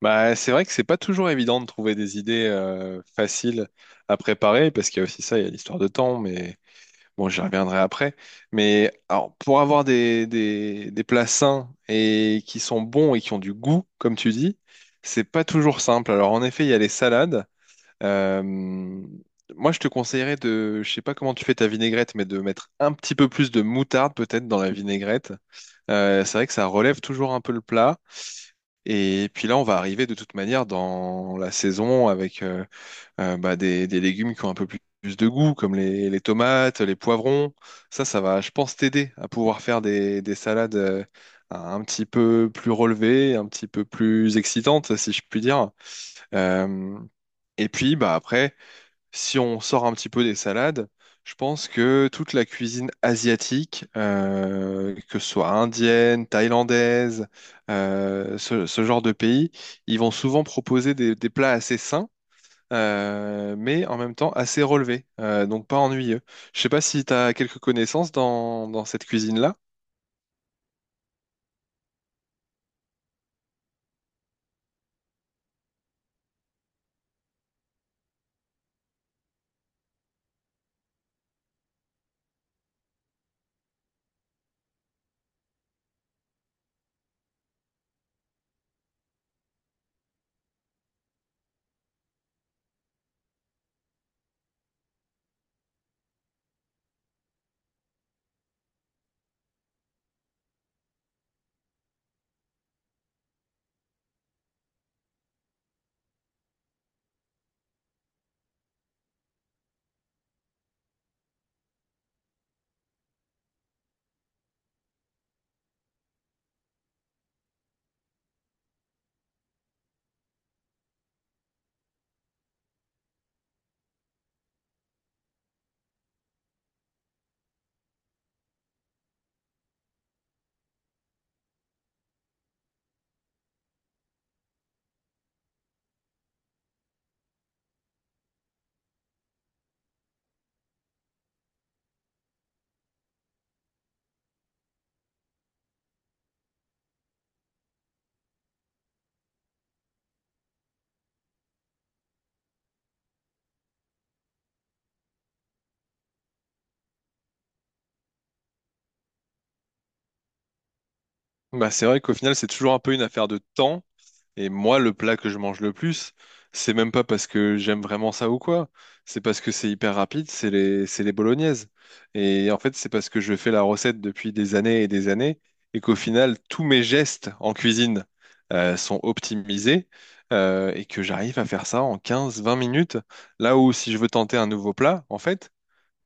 Bah, c'est vrai que c'est pas toujours évident de trouver des idées faciles à préparer, parce qu'il y a aussi ça, il y a l'histoire de temps, mais bon, j'y reviendrai après. Mais alors, pour avoir des plats sains et qui sont bons et qui ont du goût, comme tu dis, c'est pas toujours simple. Alors, en effet, il y a les salades. Euh, moi, je te conseillerais je sais pas comment tu fais ta vinaigrette, mais de mettre un petit peu plus de moutarde peut-être dans la vinaigrette. C'est vrai que ça relève toujours un peu le plat. Et puis là, on va arriver de toute manière dans la saison avec bah, des légumes qui ont un peu plus de goût, comme les tomates, les poivrons. Ça va, je pense, t'aider à pouvoir faire des salades un petit peu plus relevées, un petit peu plus excitantes, si je puis dire. Euh, et puis, bah, après, si on sort un petit peu des salades, je pense que toute la cuisine asiatique, que ce soit indienne, thaïlandaise, ce genre de pays, ils vont souvent proposer des plats assez sains, mais en même temps assez relevés, donc pas ennuyeux. Je sais pas si tu as quelques connaissances dans cette cuisine-là. Bah, c'est vrai qu'au final, c'est toujours un peu une affaire de temps. Et moi, le plat que je mange le plus, c'est même pas parce que j'aime vraiment ça ou quoi. C'est parce que c'est hyper rapide, c'est les bolognaises. Et en fait, c'est parce que je fais la recette depuis des années et qu'au final, tous mes gestes en cuisine sont optimisés et que j'arrive à faire ça en 15-20 minutes. Là où si je veux tenter un nouveau plat, en fait,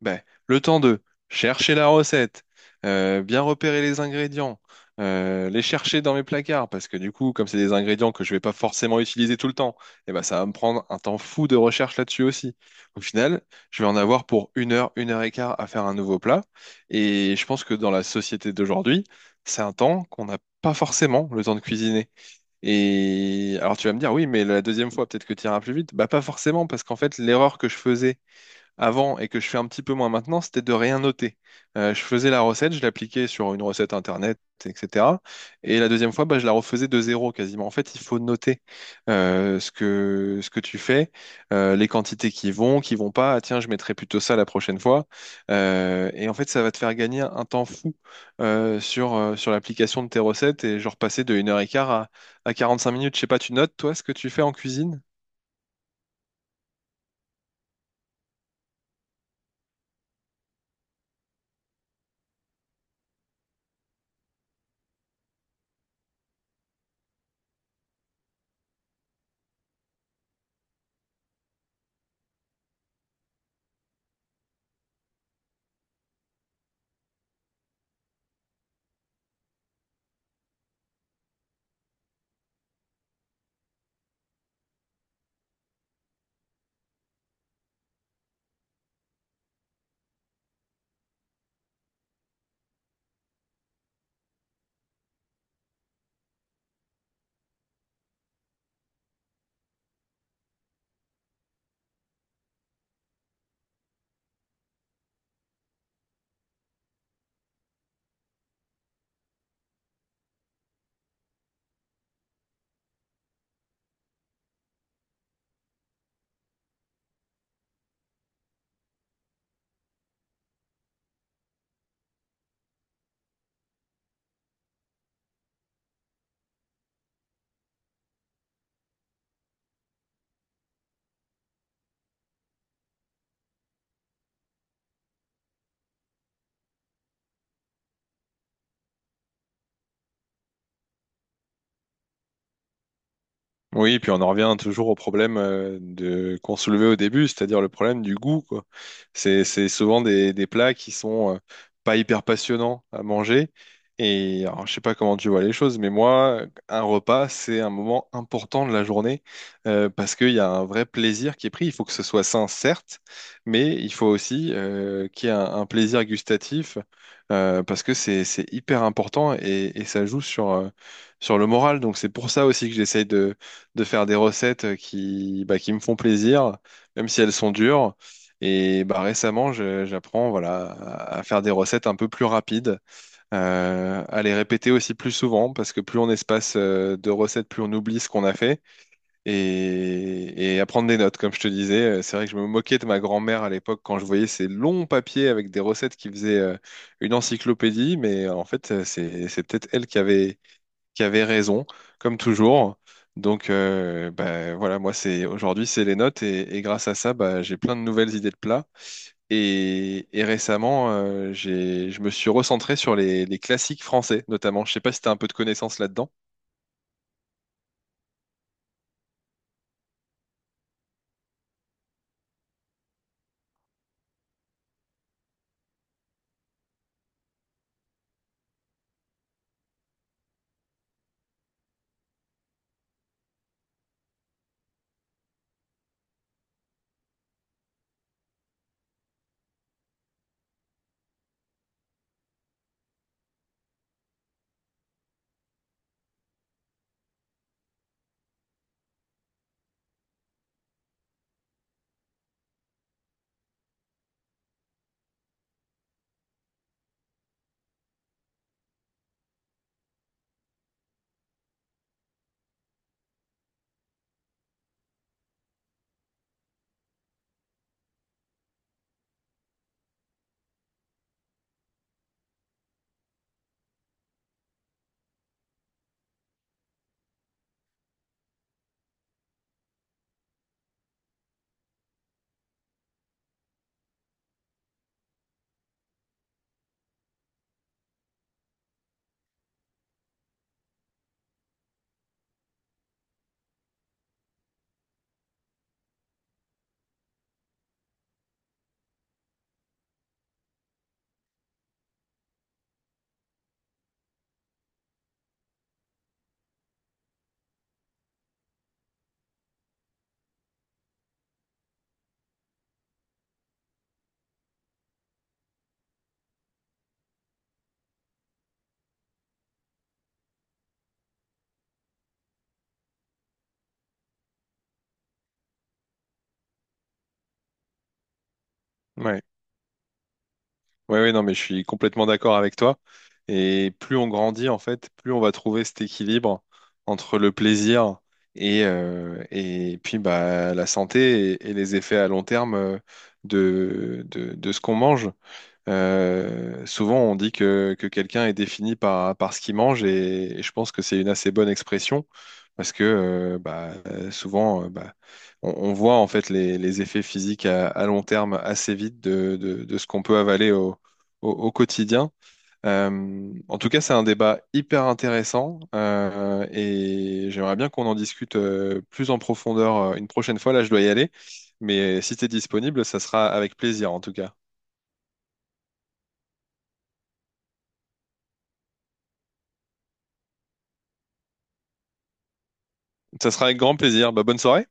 ben, le temps de chercher la recette, bien repérer les ingrédients, les chercher dans mes placards, parce que du coup, comme c'est des ingrédients que je vais pas forcément utiliser tout le temps, eh ben, ça va me prendre un temps fou de recherche là-dessus aussi. Au final, je vais en avoir pour une heure et quart à faire un nouveau plat, et je pense que dans la société d'aujourd'hui, c'est un temps qu'on n'a pas forcément le temps de cuisiner. Et alors tu vas me dire, oui, mais la deuxième fois, peut-être que tu iras plus vite. Bah pas forcément, parce qu'en fait, l'erreur que je faisais avant et que je fais un petit peu moins maintenant, c'était de rien noter. Je faisais la recette, je l'appliquais sur une recette internet, etc. Et la deuxième fois, bah, je la refaisais de zéro quasiment. En fait, il faut noter ce que tu fais, les quantités qui vont pas. Ah, tiens, je mettrai plutôt ça la prochaine fois. Et en fait, ça va te faire gagner un temps fou sur l'application de tes recettes et genre passer de 1h15 à 45 minutes. Je sais pas, tu notes, toi, ce que tu fais en cuisine? Oui, et puis on en revient toujours au problème de qu'on soulevait au début, c'est-à-dire le problème du goût, quoi. C'est souvent des plats qui sont pas hyper passionnants à manger. Et alors, je sais pas comment tu vois les choses, mais moi, un repas, c'est un moment important de la journée parce qu'il y a un vrai plaisir qui est pris. Il faut que ce soit sain, certes, mais il faut aussi qu'il y ait un plaisir gustatif parce que c'est hyper important et ça joue sur le moral. Donc c'est pour ça aussi que j'essaye de faire des recettes bah, qui me font plaisir, même si elles sont dures. Et bah, récemment, j'apprends voilà, à faire des recettes un peu plus rapides, à les répéter aussi plus souvent, parce que plus on espace de recettes, plus on oublie ce qu'on a fait, et à prendre des notes, comme je te disais. C'est vrai que je me moquais de ma grand-mère à l'époque quand je voyais ces longs papiers avec des recettes qui faisaient une encyclopédie, mais en fait, c'est peut-être elle qui avait raison, comme toujours. Donc bah, voilà, moi c'est aujourd'hui c'est les notes et grâce à ça bah, j'ai plein de nouvelles idées de plats. Et récemment j'ai je me suis recentré sur les classiques français notamment. Je sais pas si tu as un peu de connaissances là-dedans. Ouais. Ouais ouais non mais je suis complètement d'accord avec toi. Et plus on grandit en fait, plus on va trouver cet équilibre entre le plaisir et puis bah, la santé et les effets à long terme de, de ce qu'on mange. Souvent, on dit que quelqu'un est défini par ce qu'il mange et je pense que c'est une assez bonne expression parce que bah, souvent, bah, on voit en fait les effets physiques à long terme assez vite de ce qu'on peut avaler au quotidien. En tout cas, c'est un débat hyper intéressant et j'aimerais bien qu'on en discute plus en profondeur une prochaine fois. Là, je dois y aller, mais si tu es disponible, ça sera avec plaisir en tout cas. Ça sera avec grand plaisir. Bah, bonne soirée.